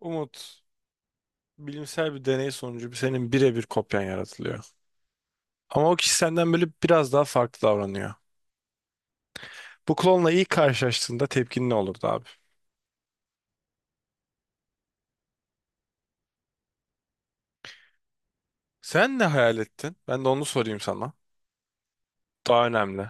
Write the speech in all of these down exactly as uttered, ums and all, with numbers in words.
Umut, bilimsel bir deney sonucu senin birebir kopyan yaratılıyor. Ama o kişi senden böyle biraz daha farklı davranıyor. Bu klonla ilk karşılaştığında tepkin ne olurdu abi? Sen ne hayal ettin? Ben de onu sorayım sana. Daha önemli.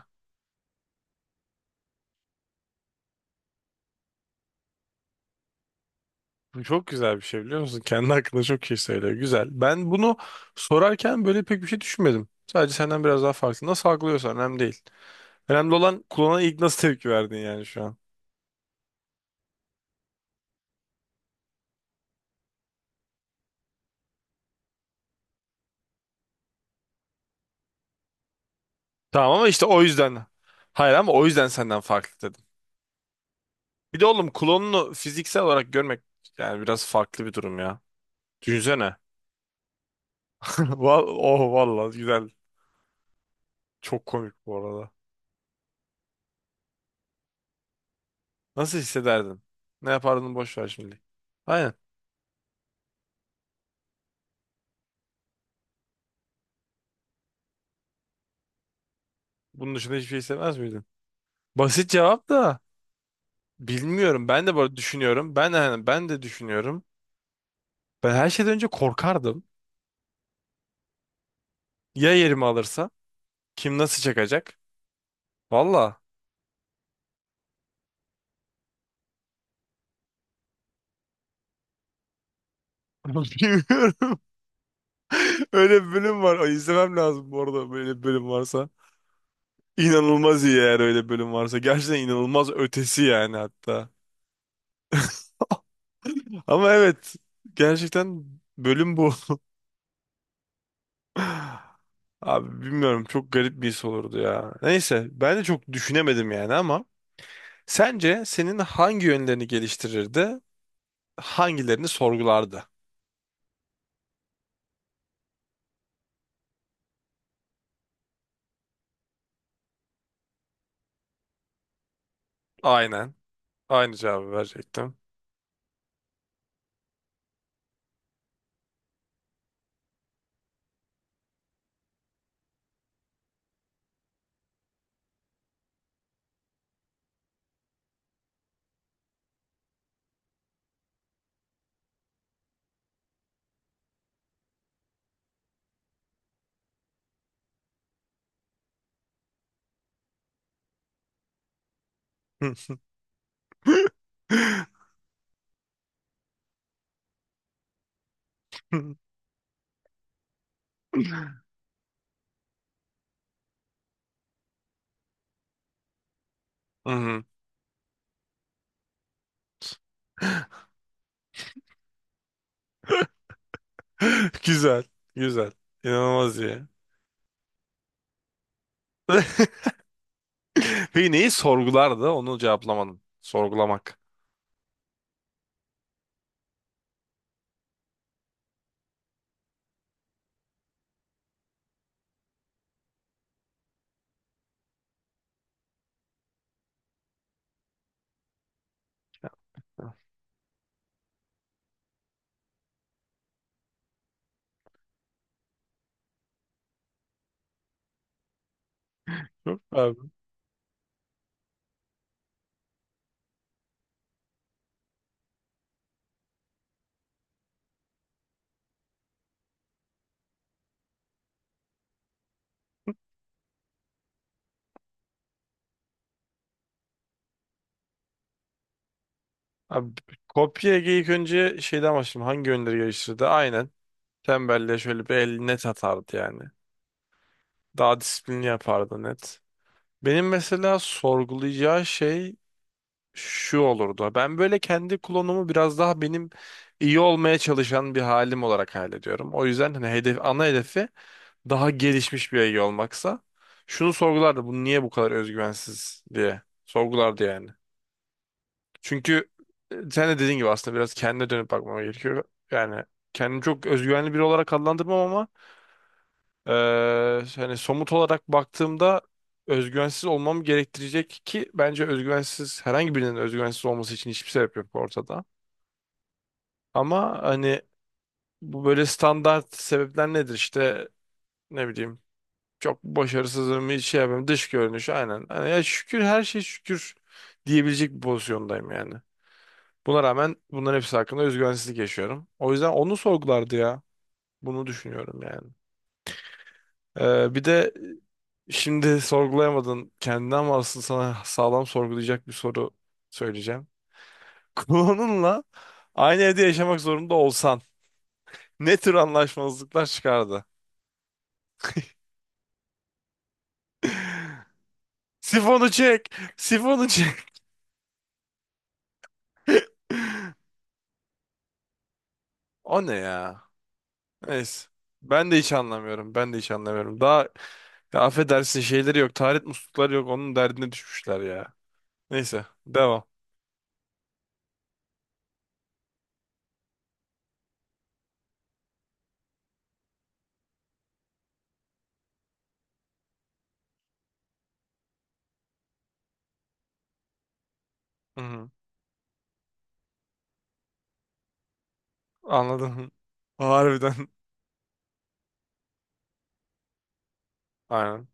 Bu çok güzel bir şey biliyor musun? Kendi hakkında çok şey söylüyor. Güzel. Ben bunu sorarken böyle pek bir şey düşünmedim. Sadece senden biraz daha farklı. Nasıl algılıyorsan önemli değil. Önemli olan klona ilk nasıl tepki verdin yani şu an. Tamam, ama işte o yüzden. Hayır, ama o yüzden senden farklı dedim. Bir de oğlum, klonunu fiziksel olarak görmek yani biraz farklı bir durum ya. Düşünsene. Val, oh vallahi güzel. Çok komik bu arada. Nasıl hissederdin? Ne yapardın, boş ver şimdi. Aynen. Bunun dışında hiçbir şey hissetmez miydin? Basit cevap da bilmiyorum. Ben de böyle düşünüyorum. Ben de hani ben de düşünüyorum. Ben her şeyden önce korkardım. Ya yerimi alırsa? Kim nasıl çakacak? Valla. Bilmiyorum. Öyle bir bölüm var. Ay, İzlemem lazım bu arada böyle bir bölüm varsa. İnanılmaz iyi eğer öyle bölüm varsa. Gerçekten inanılmaz ötesi yani, hatta. Ama evet, gerçekten bölüm bu. Abi bilmiyorum, çok garip bir his olurdu ya. Neyse, ben de çok düşünemedim yani, ama sence senin hangi yönlerini geliştirirdi, hangilerini sorgulardı? Aynen. Aynı cevabı verecektim. Hı. Hı hı. Güzel. Güzel. İnanılmaz iyi. Peki neyi sorgulardı? Onu cevaplamadım. Sorgulamak. Yok abi. Abi, kopya Ege ilk önce şeyden başlayayım. Hangi yönleri geliştirdi? Aynen. Tembelliğe şöyle bir el net atardı yani. Daha disiplinli yapardı, net. Benim mesela sorgulayacağı şey şu olurdu. Ben böyle kendi klonumu biraz daha benim iyi olmaya çalışan bir halim olarak hallediyorum. O yüzden hani hedef, ana hedefi daha gelişmiş bir Ege olmaksa şunu sorgulardı. Bu niye bu kadar özgüvensiz diye sorgulardı yani. Çünkü e, sen de dediğin gibi aslında biraz kendine dönüp bakmama gerekiyor. Yani kendimi çok özgüvenli biri olarak adlandırmam ama e, hani somut olarak baktığımda özgüvensiz olmam gerektirecek ki bence özgüvensiz herhangi birinin özgüvensiz olması için hiçbir sebep yok ortada. Ama hani bu böyle standart sebepler nedir işte, ne bileyim, çok başarısızım, hiç şey yapayım. Dış görünüş, aynen. Hani ya şükür, her şey şükür diyebilecek bir pozisyondayım yani. Buna rağmen bunların hepsi hakkında özgüvensizlik yaşıyorum. O yüzden onu sorgulardı ya. Bunu düşünüyorum yani. Ee, bir de e, şimdi sorgulayamadın kendini ama asıl sana sağlam sorgulayacak bir soru söyleyeceğim. Klonunla aynı evde yaşamak zorunda olsan ne tür anlaşmazlıklar çıkardı? Sifonu çek! Sifonu çek! O ne ya? Neyse. Ben de hiç anlamıyorum. Ben de hiç anlamıyorum. Daha, ya affedersin, şeyleri yok. Taharet muslukları yok. Onun derdine düşmüşler ya. Neyse. Devam. Hı-hı. Anladım. Harbiden. Aynen.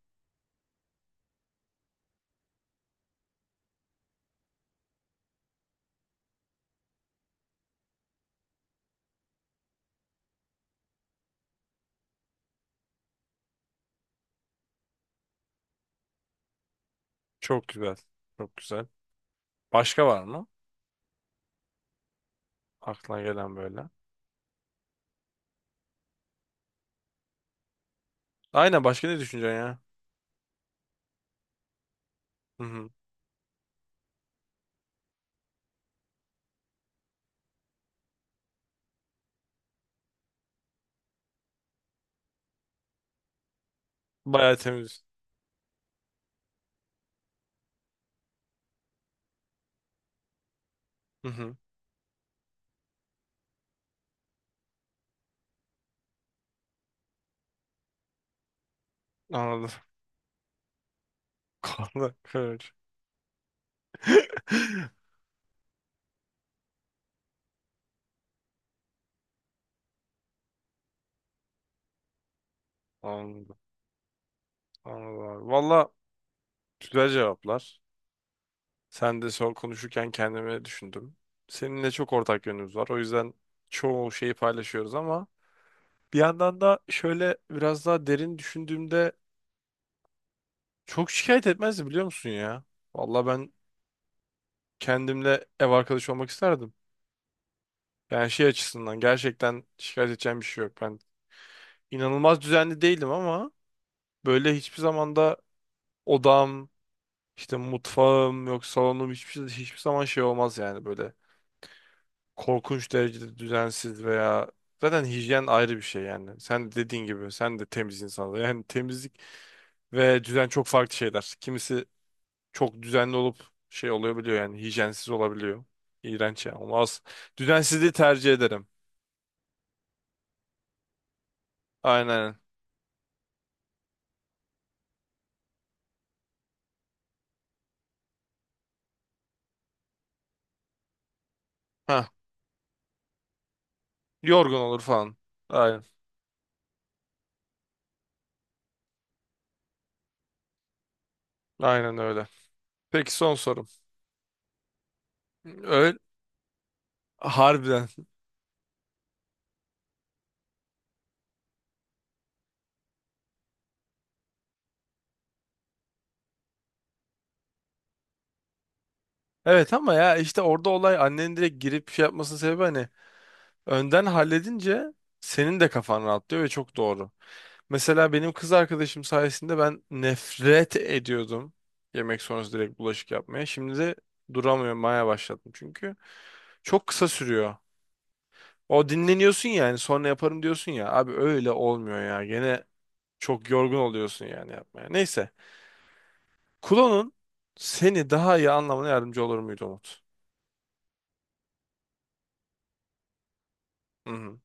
Çok güzel. Çok güzel. Başka var mı? Aklına gelen böyle. Aynen, başka ne düşüneceksin ya? Hı-hı. Bayağı temiz. Hı-hı. Anladım. Kaldı. Kıvırcık. Anladım. Anladım abi. Valla güzel cevaplar. Sen de son konuşurken kendimi düşündüm. Seninle çok ortak yönümüz var. O yüzden çoğu şeyi paylaşıyoruz ama bir yandan da şöyle biraz daha derin düşündüğümde çok şikayet etmezdi, biliyor musun ya? Vallahi ben kendimle ev arkadaşı olmak isterdim. Yani şey açısından gerçekten şikayet edeceğim bir şey yok. Ben inanılmaz düzenli değilim ama böyle hiçbir zamanda odam, işte mutfağım yok, salonum hiçbir, hiçbir zaman şey olmaz yani böyle, korkunç derecede düzensiz veya zaten hijyen ayrı bir şey yani. Sen dediğin gibi sen de temiz insanlar. Yani temizlik ve düzen çok farklı şeyler. Kimisi çok düzenli olup şey olabiliyor yani hijyensiz olabiliyor. İğrenç yani. Olmaz. Düzensizliği tercih ederim. Aynen. Ha, yorgun olur falan. Aynen. Aynen öyle. Peki son sorum. Öyle, harbiden. Evet, ama ya işte orada olay annenin direkt girip şey yapmasının sebebi hani önden halledince senin de kafan rahatlıyor ve çok doğru. Mesela benim kız arkadaşım sayesinde ben nefret ediyordum yemek sonrası direkt bulaşık yapmaya. Şimdi de duramıyorum, maya başladım çünkü çok kısa sürüyor. O dinleniyorsun yani, sonra yaparım diyorsun ya. Abi öyle olmuyor ya. Gene çok yorgun oluyorsun yani yapmaya. Neyse. Kulonun seni daha iyi anlamına yardımcı olur muydu Umut? Hı hı.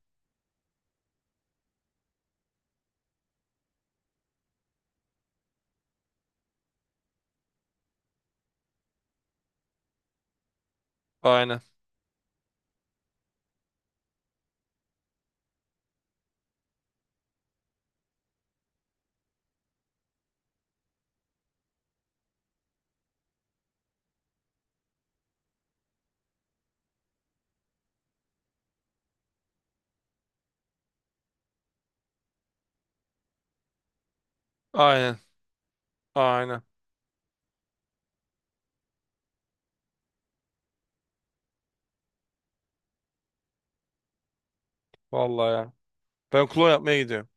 Aynen. Aynen. Aynen. Vallahi ya. Ben klon yapmaya gidiyorum.